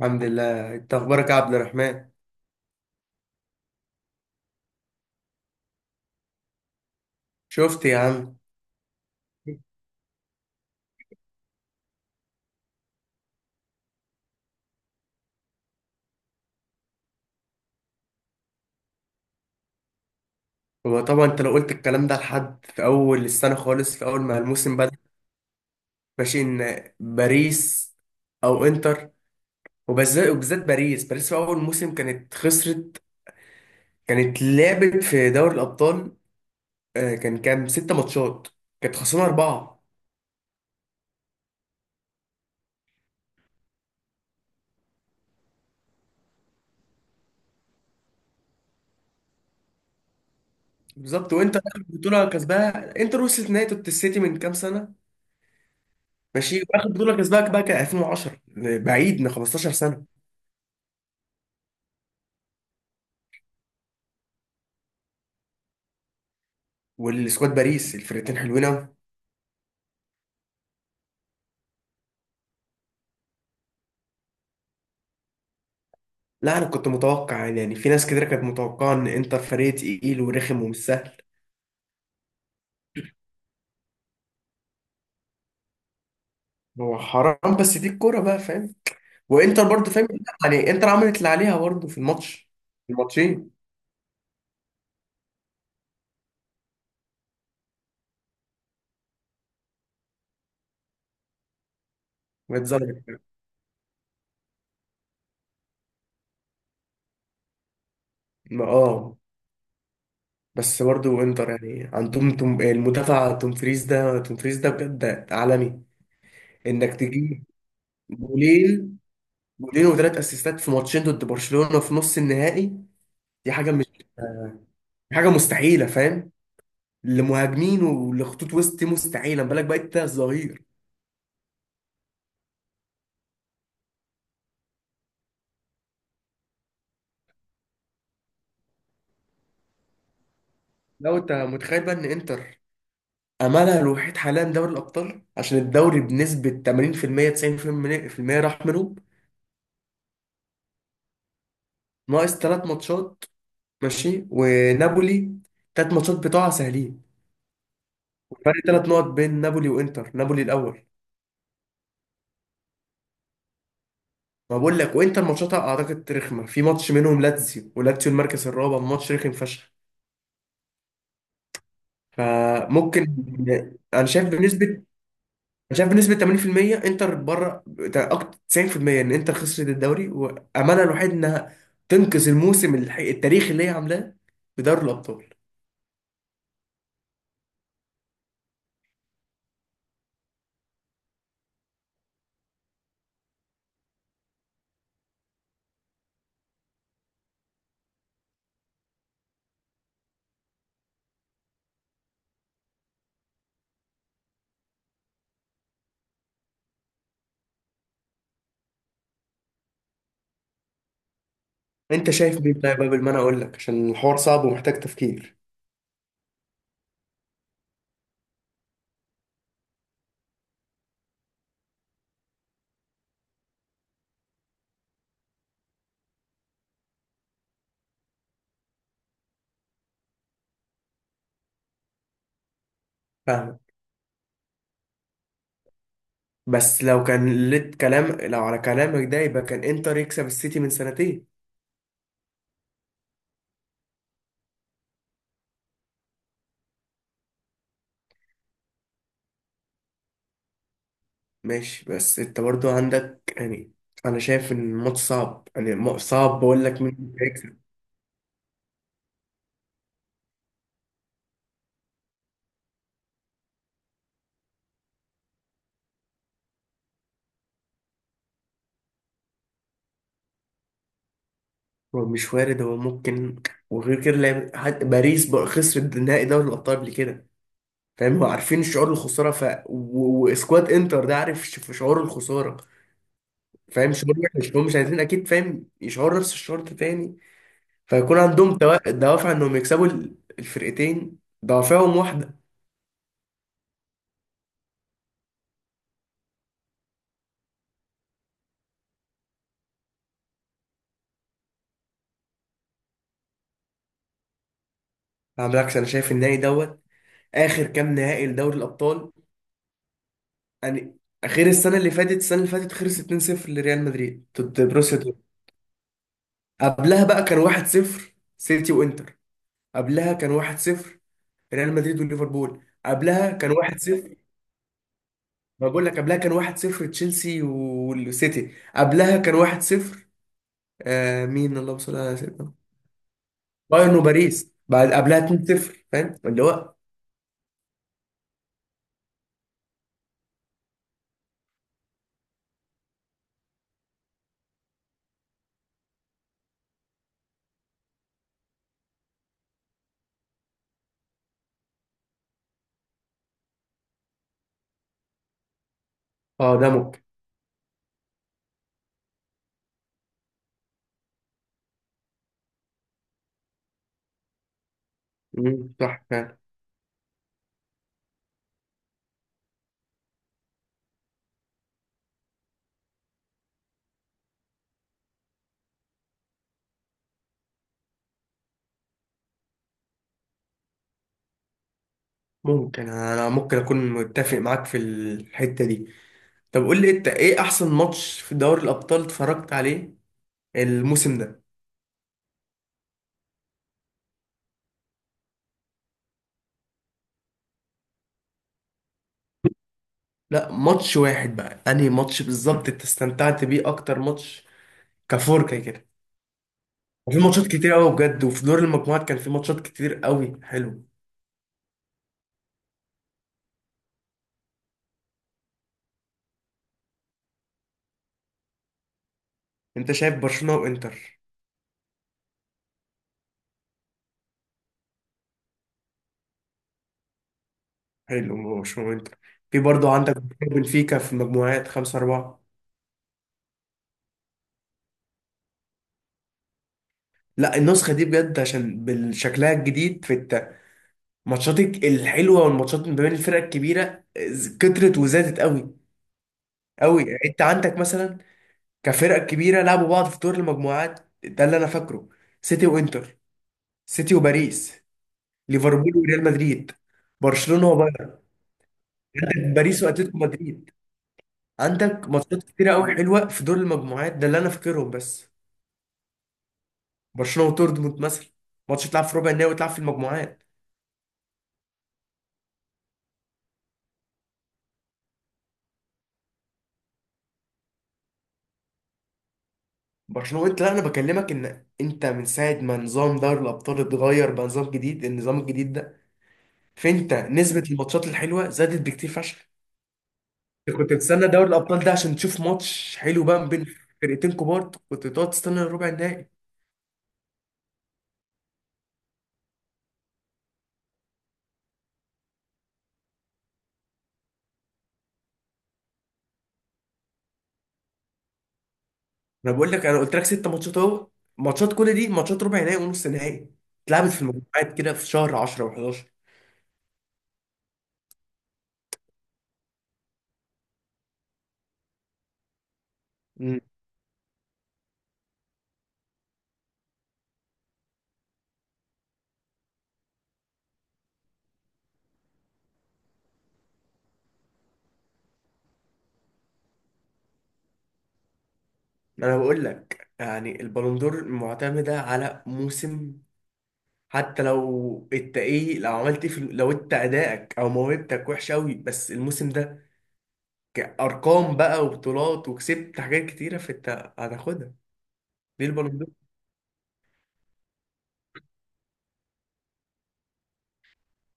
الحمد لله. انت اخبارك يا عبد الرحمن؟ شفت يا عم. هو طبعا انت لو قلت الكلام ده لحد في اول السنه خالص، في اول ما الموسم بدأ. ماشي، ان باريس او انتر. وبالذات باريس، باريس في اول موسم كانت خسرت. كانت لعبت في دوري الابطال. كان كام ست ماتشات كانت خسرانه اربعه. بالظبط. وانتر اخر بطوله كسبها انتر، وصلت نهائي السيتي من كام سنه. ماشي. واخر بطوله كسبها بقى كان 2010، بعيد من 15 سنه. والسكواد باريس الفرقتين حلوين أوي. لا أنا كنت متوقع، يعني في ناس كتير كانت متوقعة إن إنتر فريق تقيل ورخم ومش سهل. هو حرام، بس دي الكورة بقى، فاهم. وإنتر برضه، فاهم. يعني إنتر عملت اللي عليها برضه في الماتش، في الماتشين. واتظلمت. اه. بس برضه إنتر يعني عندهم توم المدافع، توم فريز ده، توم فريز ده بجد عالمي. إنك تجيب جولين جولين وثلاث أسيستات في ماتشين ضد برشلونة في نص النهائي، دي حاجة، مش حاجة مستحيلة، فاهم. لمهاجمين ولخطوط وسط مستحيله، ما بالك بقى انت الظهير. لو انت متخيل بقى ان انتر، املها الوحيد حاليا دوري الابطال عشان الدوري بنسبه 80% 90% راح منهم. ناقص ثلاث ماتشات، ماشي ونابولي، ثلاث ماتشات بتوعها سهلين. فرق ثلاث نقط بين نابولي وانتر، نابولي الاول. ما بقول لك، وانتر ماتشاتها اعتقد رخمه، في ماتش منهم لاتسيو، ولاتسيو المركز الرابع، ماتش رخم فشخ. فممكن. انا شايف بنسبه انا شايف بنسبه 80%، انتر بره بتاع اكتر 90% ان انتر خسرت الدوري، واملها الوحيد انها تنقذ الموسم التاريخي اللي هي عاملاه بدوري الابطال. انت شايف مين طيب، قبل ما انا اقول لك، عشان الحوار صعب ومحتاج تفكير. فاهم. بس لو كان لت كلام، لو على كلامك ده يبقى كان انتر يكسب السيتي من سنتين. ماشي، بس انت برضو عندك يعني، انا شايف ان الماتش صعب، يعني صعب بقول لك مين هيكسب. هو مش وارد، هو ممكن. وغير كده لعب حتى باريس بقى، خسرت نهائي دوري الأبطال قبل كده، فاهم. هو عارفين شعور الخسارة، واسكواد انتر ده عارف، في شعور الخسارة، فاهم. شعور وحش، هم مش عايزين أكيد، فاهم، يشعروا نفس الشعور ده تاني. فيكون عندهم دوافع إنهم يكسبوا الفرقتين، دوافعهم واحدة. على بالعكس، أنا شايف النهائي دوت، آخر كام نهائي لدوري الأبطال يعني، غير السنة اللي فاتت، السنة اللي فاتت خلص 2-0 لريال مدريد ضد بروسيا دورتموند. قبلها بقى كان 1-0 سيتي وانتر. قبلها كان 1-0 ريال مدريد وليفربول. قبلها كان 1-0، ما بقول لك. قبلها كان 1-0 تشيلسي والسيتي. قبلها كان 1-0، آه مين، اللهم صل على سيدنا. بايرن وباريس، بعد قبلها 2-0، فاهم اللي هو. اه ده ممكن. مم، صح فعلا. ممكن اكون متفق معاك في الحتة دي. طب قول لي انت ايه احسن ماتش في دوري الابطال اتفرجت عليه الموسم ده. لا ماتش واحد بقى، انهي ماتش بالظبط انت استمتعت بيه اكتر، ماتش كفور كده. في ماتشات كتير قوي بجد، وفي دور المجموعات كان في ماتشات كتير قوي حلو. انت شايف برشلونة وانتر؟ حلو، برشلونة وانتر. في برضو عندك بنفيكا في المجموعات، خمسة أربعة. لا النسخة دي بجد عشان بالشكلها الجديد، في الماتشات الحلوة والماتشات ما بين الفرق الكبيرة كترت وزادت قوي، قوي. انت عندك مثلا كفرق كبيرة لعبوا بعض في دور المجموعات ده، اللي انا فاكره، سيتي وانتر، سيتي وباريس، ليفربول وريال مدريد، برشلونة وباريس واتلتيكو مدريد. عندك ماتشات كتيرة قوي حلوة في دور المجموعات ده اللي انا فاكرهم بس. برشلونة ودورتموند مثلا، ماتش تلعب في ربع النهائي وتلعب في المجموعات. برشلونة وانت. لا انا بكلمك ان انت من ساعة ما نظام دوري الابطال اتغير بقى نظام جديد، النظام الجديد ده فانت نسبة الماتشات الحلوة زادت بكتير فشخ. أنت كنت تستنى دوري الابطال ده عشان تشوف ماتش حلو بقى ما بين فرقتين كبار، كنت تقعد تستنى الربع النهائي. انا بقول لك، انا قلت لك ست ماتشات اهو، ماتشات كل دي ماتشات ربع نهائي ونص نهائي، اتلعبت في المجموعات كده في شهر 10 و11. ما انا بقول لك يعني البالون دور معتمده على موسم. حتى لو انت ايه، لو عملت إيه في لو انت ادائك او موهبتك وحش قوي، بس الموسم ده كارقام بقى وبطولات وكسبت حاجات كتيره، فانت هتاخدها، ليه البالون دور.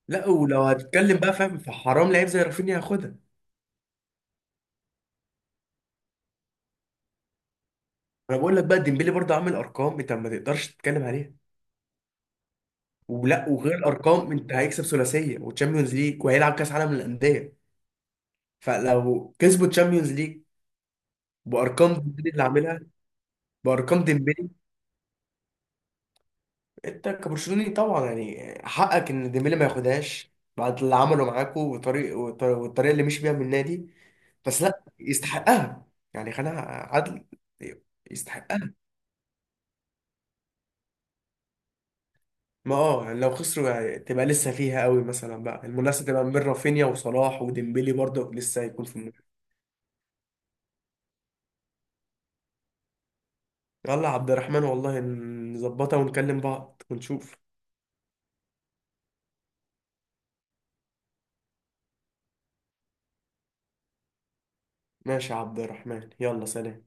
لا ولو هتتكلم بقى، فاهم، فحرام لعيب زي رافينيا ياخدها. انا بقول لك بقى ديمبلي برضه عامل ارقام، انت ما تقدرش تتكلم عليها. ولا، وغير الارقام، انت هيكسب ثلاثيه وتشامبيونز ليج وهيلعب كاس عالم للانديه. فلو كسبوا تشامبيونز ليج بارقام ديمبلي اللي عاملها، بارقام ديمبلي. انت كبرشلوني طبعا، يعني حقك ان ديمبلي ما ياخدهاش بعد اللي عمله معاكوا، والطريقه اللي مشي بيها من النادي. بس لا يستحقها، يعني خلينا عدل. يستحقها. ما اه، يعني لو خسروا يعني تبقى لسه فيها قوي، مثلا بقى المنافسه تبقى ما بين رافينيا وصلاح وديمبلي، برضه لسه هيكون في المنافسه. يلا يا عبد الرحمن، والله نظبطها ونكلم بعض ونشوف. ماشي يا عبد الرحمن، يلا سلام.